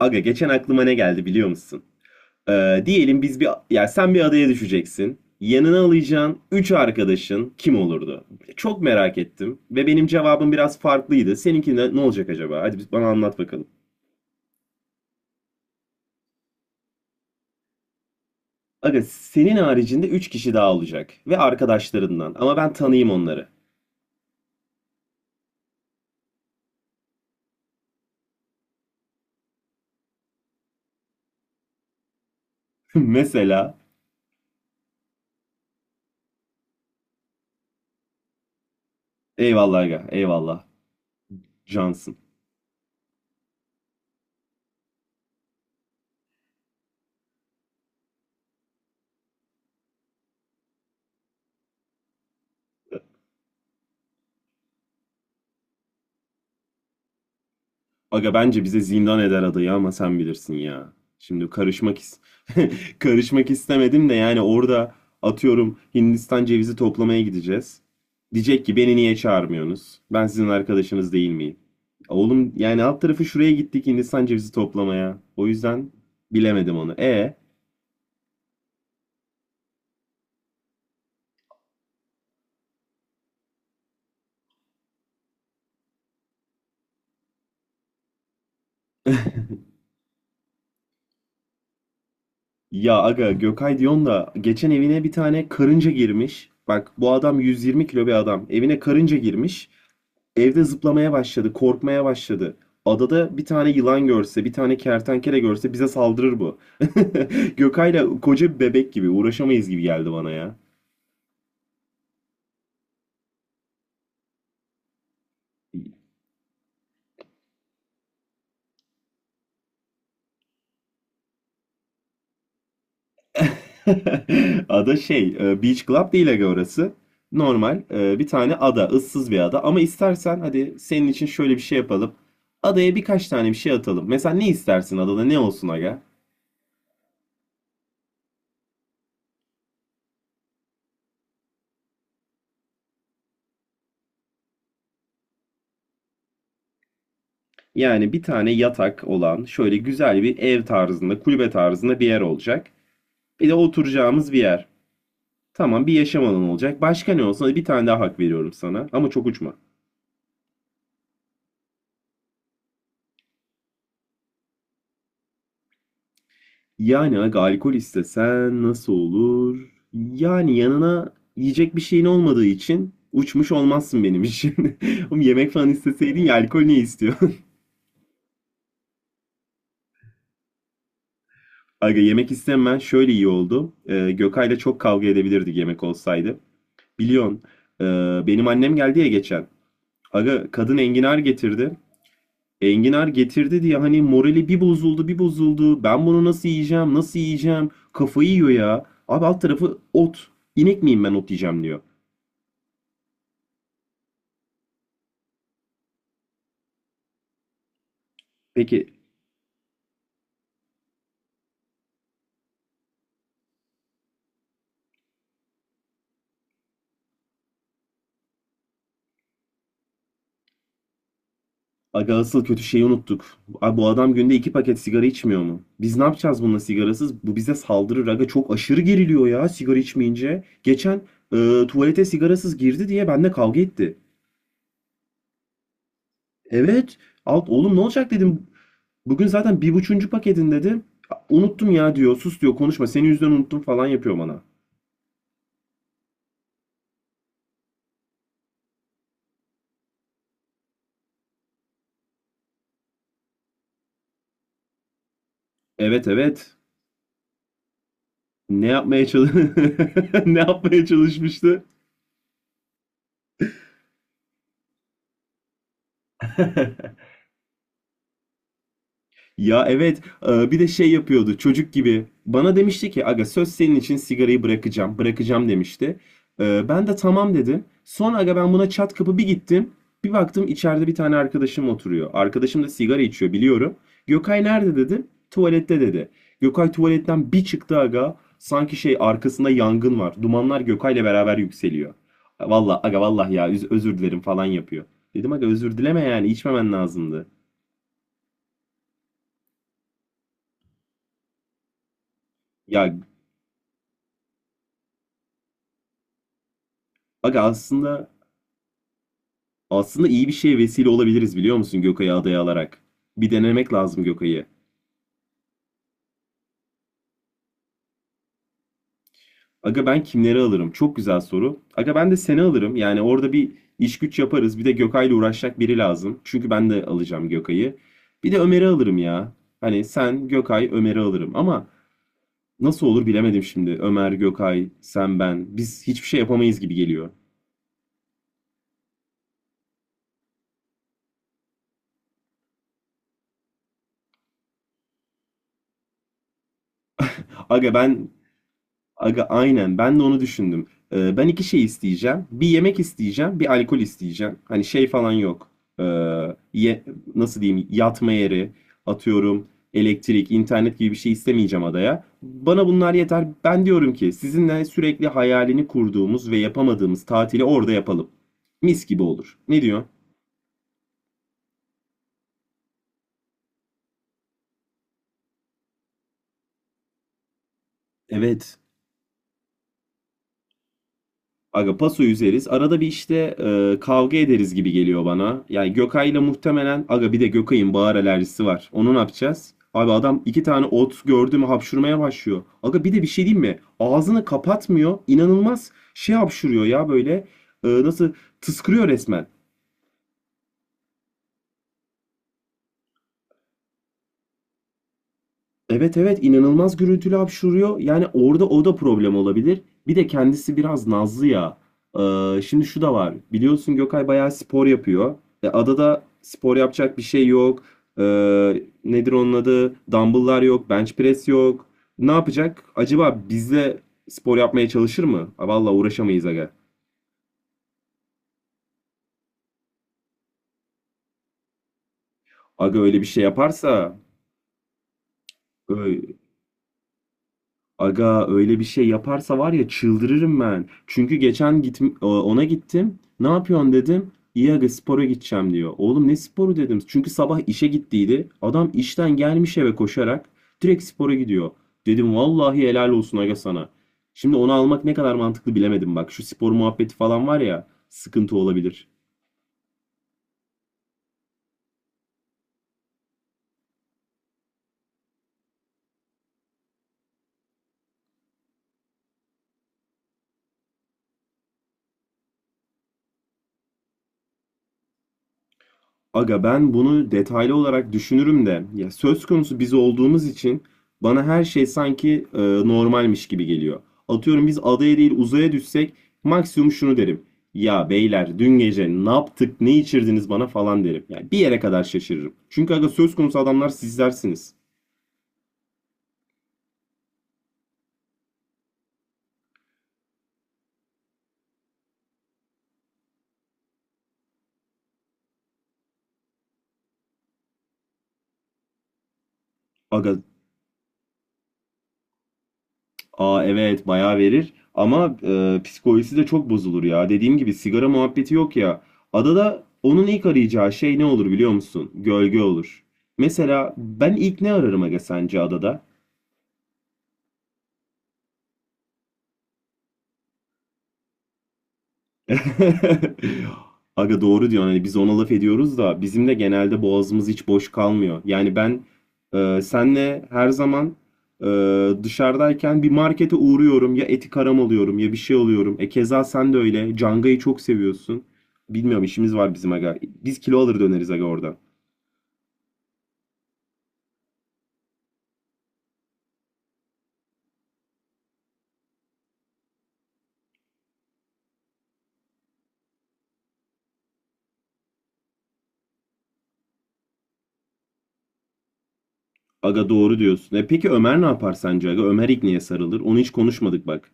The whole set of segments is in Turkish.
Aga geçen aklıma ne geldi biliyor musun? Diyelim biz bir yani sen bir adaya düşeceksin. Yanına alacağın 3 arkadaşın kim olurdu? Çok merak ettim ve benim cevabım biraz farklıydı. Seninki ne olacak acaba? Hadi bana anlat bakalım. Aga senin haricinde 3 kişi daha olacak ve arkadaşlarından, ama ben tanıyayım onları. Mesela eyvallah aga, eyvallah, cansın. Aga bence bize zindan eder adayı, ama sen bilirsin ya. Şimdi karışmak is Karışmak istemedim de yani orada atıyorum Hindistan cevizi toplamaya gideceğiz. Diyecek ki beni niye çağırmıyorsunuz? Ben sizin arkadaşınız değil miyim? Oğlum yani alt tarafı şuraya gittik Hindistan cevizi toplamaya. O yüzden bilemedim onu. Ya aga, Gökay diyorsun da geçen evine bir tane karınca girmiş. Bak, bu adam 120 kilo bir adam. Evine karınca girmiş. Evde zıplamaya başladı, korkmaya başladı. Adada bir tane yılan görse, bir tane kertenkele görse bize saldırır bu. Gökay'la koca bir bebek gibi uğraşamayız gibi geldi bana ya. Ada Beach Club değil aga orası. Normal bir tane ada, ıssız bir ada. Ama istersen hadi senin için şöyle bir şey yapalım. Adaya birkaç tane bir şey atalım. Mesela ne istersin, adada ne olsun aga? Yani bir tane yatak olan şöyle güzel bir ev tarzında, kulübe tarzında bir yer olacak. Bir de oturacağımız bir yer. Tamam, bir yaşam alanı olacak. Başka ne olsun? Hadi bir tane daha hak veriyorum sana. Ama çok uçma. Yani aga alkol istesen nasıl olur? Yani yanına yiyecek bir şeyin olmadığı için uçmuş olmazsın benim için. Oğlum yemek falan isteseydin ya, alkol ne istiyor? Aga yemek istemem şöyle iyi oldu. Gökay'la çok kavga edebilirdik yemek olsaydı. Biliyorsun e, benim annem geldi ya geçen. Aga kadın enginar getirdi. Enginar getirdi diye hani morali bir bozuldu, bir bozuldu. Ben bunu nasıl yiyeceğim, nasıl yiyeceğim kafayı yiyor ya. Abi alt tarafı ot. İnek miyim ben ot yiyeceğim diyor. Peki, aga asıl kötü şeyi unuttuk. Abi bu adam günde iki paket sigara içmiyor mu? Biz ne yapacağız bununla sigarasız? Bu bize saldırır aga, çok aşırı geriliyor ya sigara içmeyince. Geçen tuvalete sigarasız girdi diye benimle kavga etti. Evet, oğlum ne olacak dedim. Bugün zaten bir buçuncu paketin dedi. Unuttum ya diyor. Sus diyor. Konuşma. Senin yüzünden unuttum falan yapıyor bana. Evet, evet. Ne yapmaya çalış Ne yapmaya çalışmıştı? Ya evet, bir de şey yapıyordu çocuk gibi. Bana demişti ki aga, söz, senin için sigarayı bırakacağım demişti. Ben de tamam dedim. Sonra aga ben buna çat kapı bir gittim. Bir baktım içeride bir tane arkadaşım oturuyor. Arkadaşım da sigara içiyor biliyorum. Gökay nerede dedim. Tuvalette dedi. Gökay tuvaletten bir çıktı aga. Sanki şey, arkasında yangın var. Dumanlar Gökay'la beraber yükseliyor. Vallahi aga, vallahi ya özür dilerim falan yapıyor. Dedim aga, özür dileme, yani içmemen lazımdı. Ya aga aslında Aslında iyi bir şeye vesile olabiliriz biliyor musun Gökay'ı adaya alarak? Bir denemek lazım Gökay'ı. Aga ben kimleri alırım? Çok güzel soru. Aga ben de seni alırım. Yani orada bir iş güç yaparız. Bir de Gökay'la uğraşacak biri lazım. Çünkü ben de alacağım Gökay'ı. Bir de Ömer'i alırım ya. Hani sen, Gökay, Ömer'i alırım. Ama nasıl olur bilemedim şimdi. Ömer, Gökay, sen, ben. Biz hiçbir şey yapamayız gibi geliyor. Aga ben Aga aynen, ben de onu düşündüm. Ben iki şey isteyeceğim. Bir yemek isteyeceğim, bir alkol isteyeceğim. Hani şey falan yok. Ee, ye- Nasıl diyeyim, yatma yeri, atıyorum elektrik, internet gibi bir şey istemeyeceğim adaya. Bana bunlar yeter. Ben diyorum ki sizinle sürekli hayalini kurduğumuz ve yapamadığımız tatili orada yapalım. Mis gibi olur. Ne diyor? Evet. Aga paso yüzeriz. Arada bir işte kavga ederiz gibi geliyor bana. Yani Gökay'la muhtemelen aga, bir de Gökay'ın bağır alerjisi var. Onu ne yapacağız? Abi adam iki tane ot gördü mü hapşurmaya başlıyor. Aga bir de bir şey diyeyim mi? Ağzını kapatmıyor. İnanılmaz şey hapşuruyor ya böyle. Nasıl tıskırıyor resmen. Evet, evet, inanılmaz gürültülü hapşuruyor. Yani orada o da problem olabilir. Bir de kendisi biraz nazlı ya. Şimdi şu da var. Biliyorsun Gökay bayağı spor yapıyor. E, adada spor yapacak bir şey yok. Nedir onun adı? Dumbbell'lar yok. Bench press yok. Ne yapacak? Acaba bizle spor yapmaya çalışır mı? Ha, vallahi uğraşamayız aga. Aga öyle bir şey yaparsa Aga öyle bir şey yaparsa var ya, çıldırırım ben. Çünkü geçen git ona gittim. Ne yapıyorsun dedim. İyi aga, spora gideceğim diyor. Oğlum ne sporu dedim. Çünkü sabah işe gittiydi. Adam işten gelmiş eve koşarak direkt spora gidiyor. Dedim vallahi helal olsun aga sana. Şimdi onu almak ne kadar mantıklı bilemedim bak. Şu spor muhabbeti falan var ya, sıkıntı olabilir. Aga ben bunu detaylı olarak düşünürüm de ya söz konusu biz olduğumuz için bana her şey sanki normalmiş gibi geliyor. Atıyorum biz adaya değil uzaya düşsek maksimum şunu derim. Ya beyler, dün gece ne yaptık, ne içirdiniz bana falan derim. Yani bir yere kadar şaşırırım. Çünkü aga söz konusu adamlar sizlersiniz. Aga, aa evet, bayağı verir ama psikolojisi de çok bozulur ya. Dediğim gibi sigara muhabbeti yok ya. Adada onun ilk arayacağı şey ne olur biliyor musun? Gölge olur. Mesela ben ilk ne ararım aga sence adada? Aga doğru diyorsun. Hani biz ona laf ediyoruz da bizim de genelde boğazımız hiç boş kalmıyor. Yani ben senle her zaman e, dışarıdayken bir markete uğruyorum. Ya eti karam alıyorum ya bir şey alıyorum. E keza sen de öyle. Canga'yı çok seviyorsun. Bilmiyorum, işimiz var bizim aga. Biz kilo alır döneriz aga orada. Aga doğru diyorsun. E peki Ömer ne yapar sence aga? Ömer ilk niye sarılır? Onu hiç konuşmadık bak.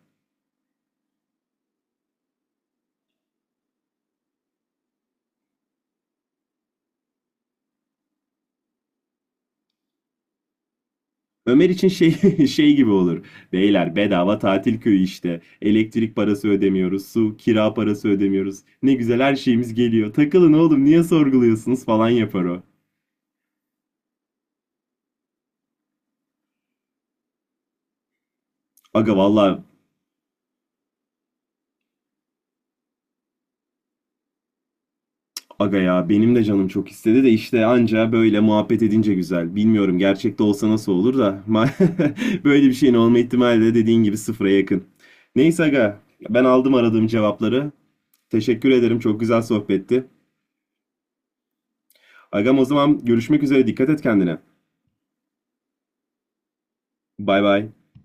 Ömer için şey Şey gibi olur. Beyler, bedava tatil köyü işte. Elektrik parası ödemiyoruz, su, kira parası ödemiyoruz. Ne güzel, her şeyimiz geliyor. Takılın oğlum, niye sorguluyorsunuz falan yapar o. Aga valla Aga ya benim de canım çok istedi de işte anca böyle muhabbet edince güzel. Bilmiyorum gerçekte olsa nasıl olur da böyle bir şeyin olma ihtimali de dediğin gibi sıfıra yakın. Neyse aga, ben aldım aradığım cevapları. Teşekkür ederim. Çok güzel sohbetti. Agam, o zaman görüşmek üzere. Dikkat et kendine. Bay bay.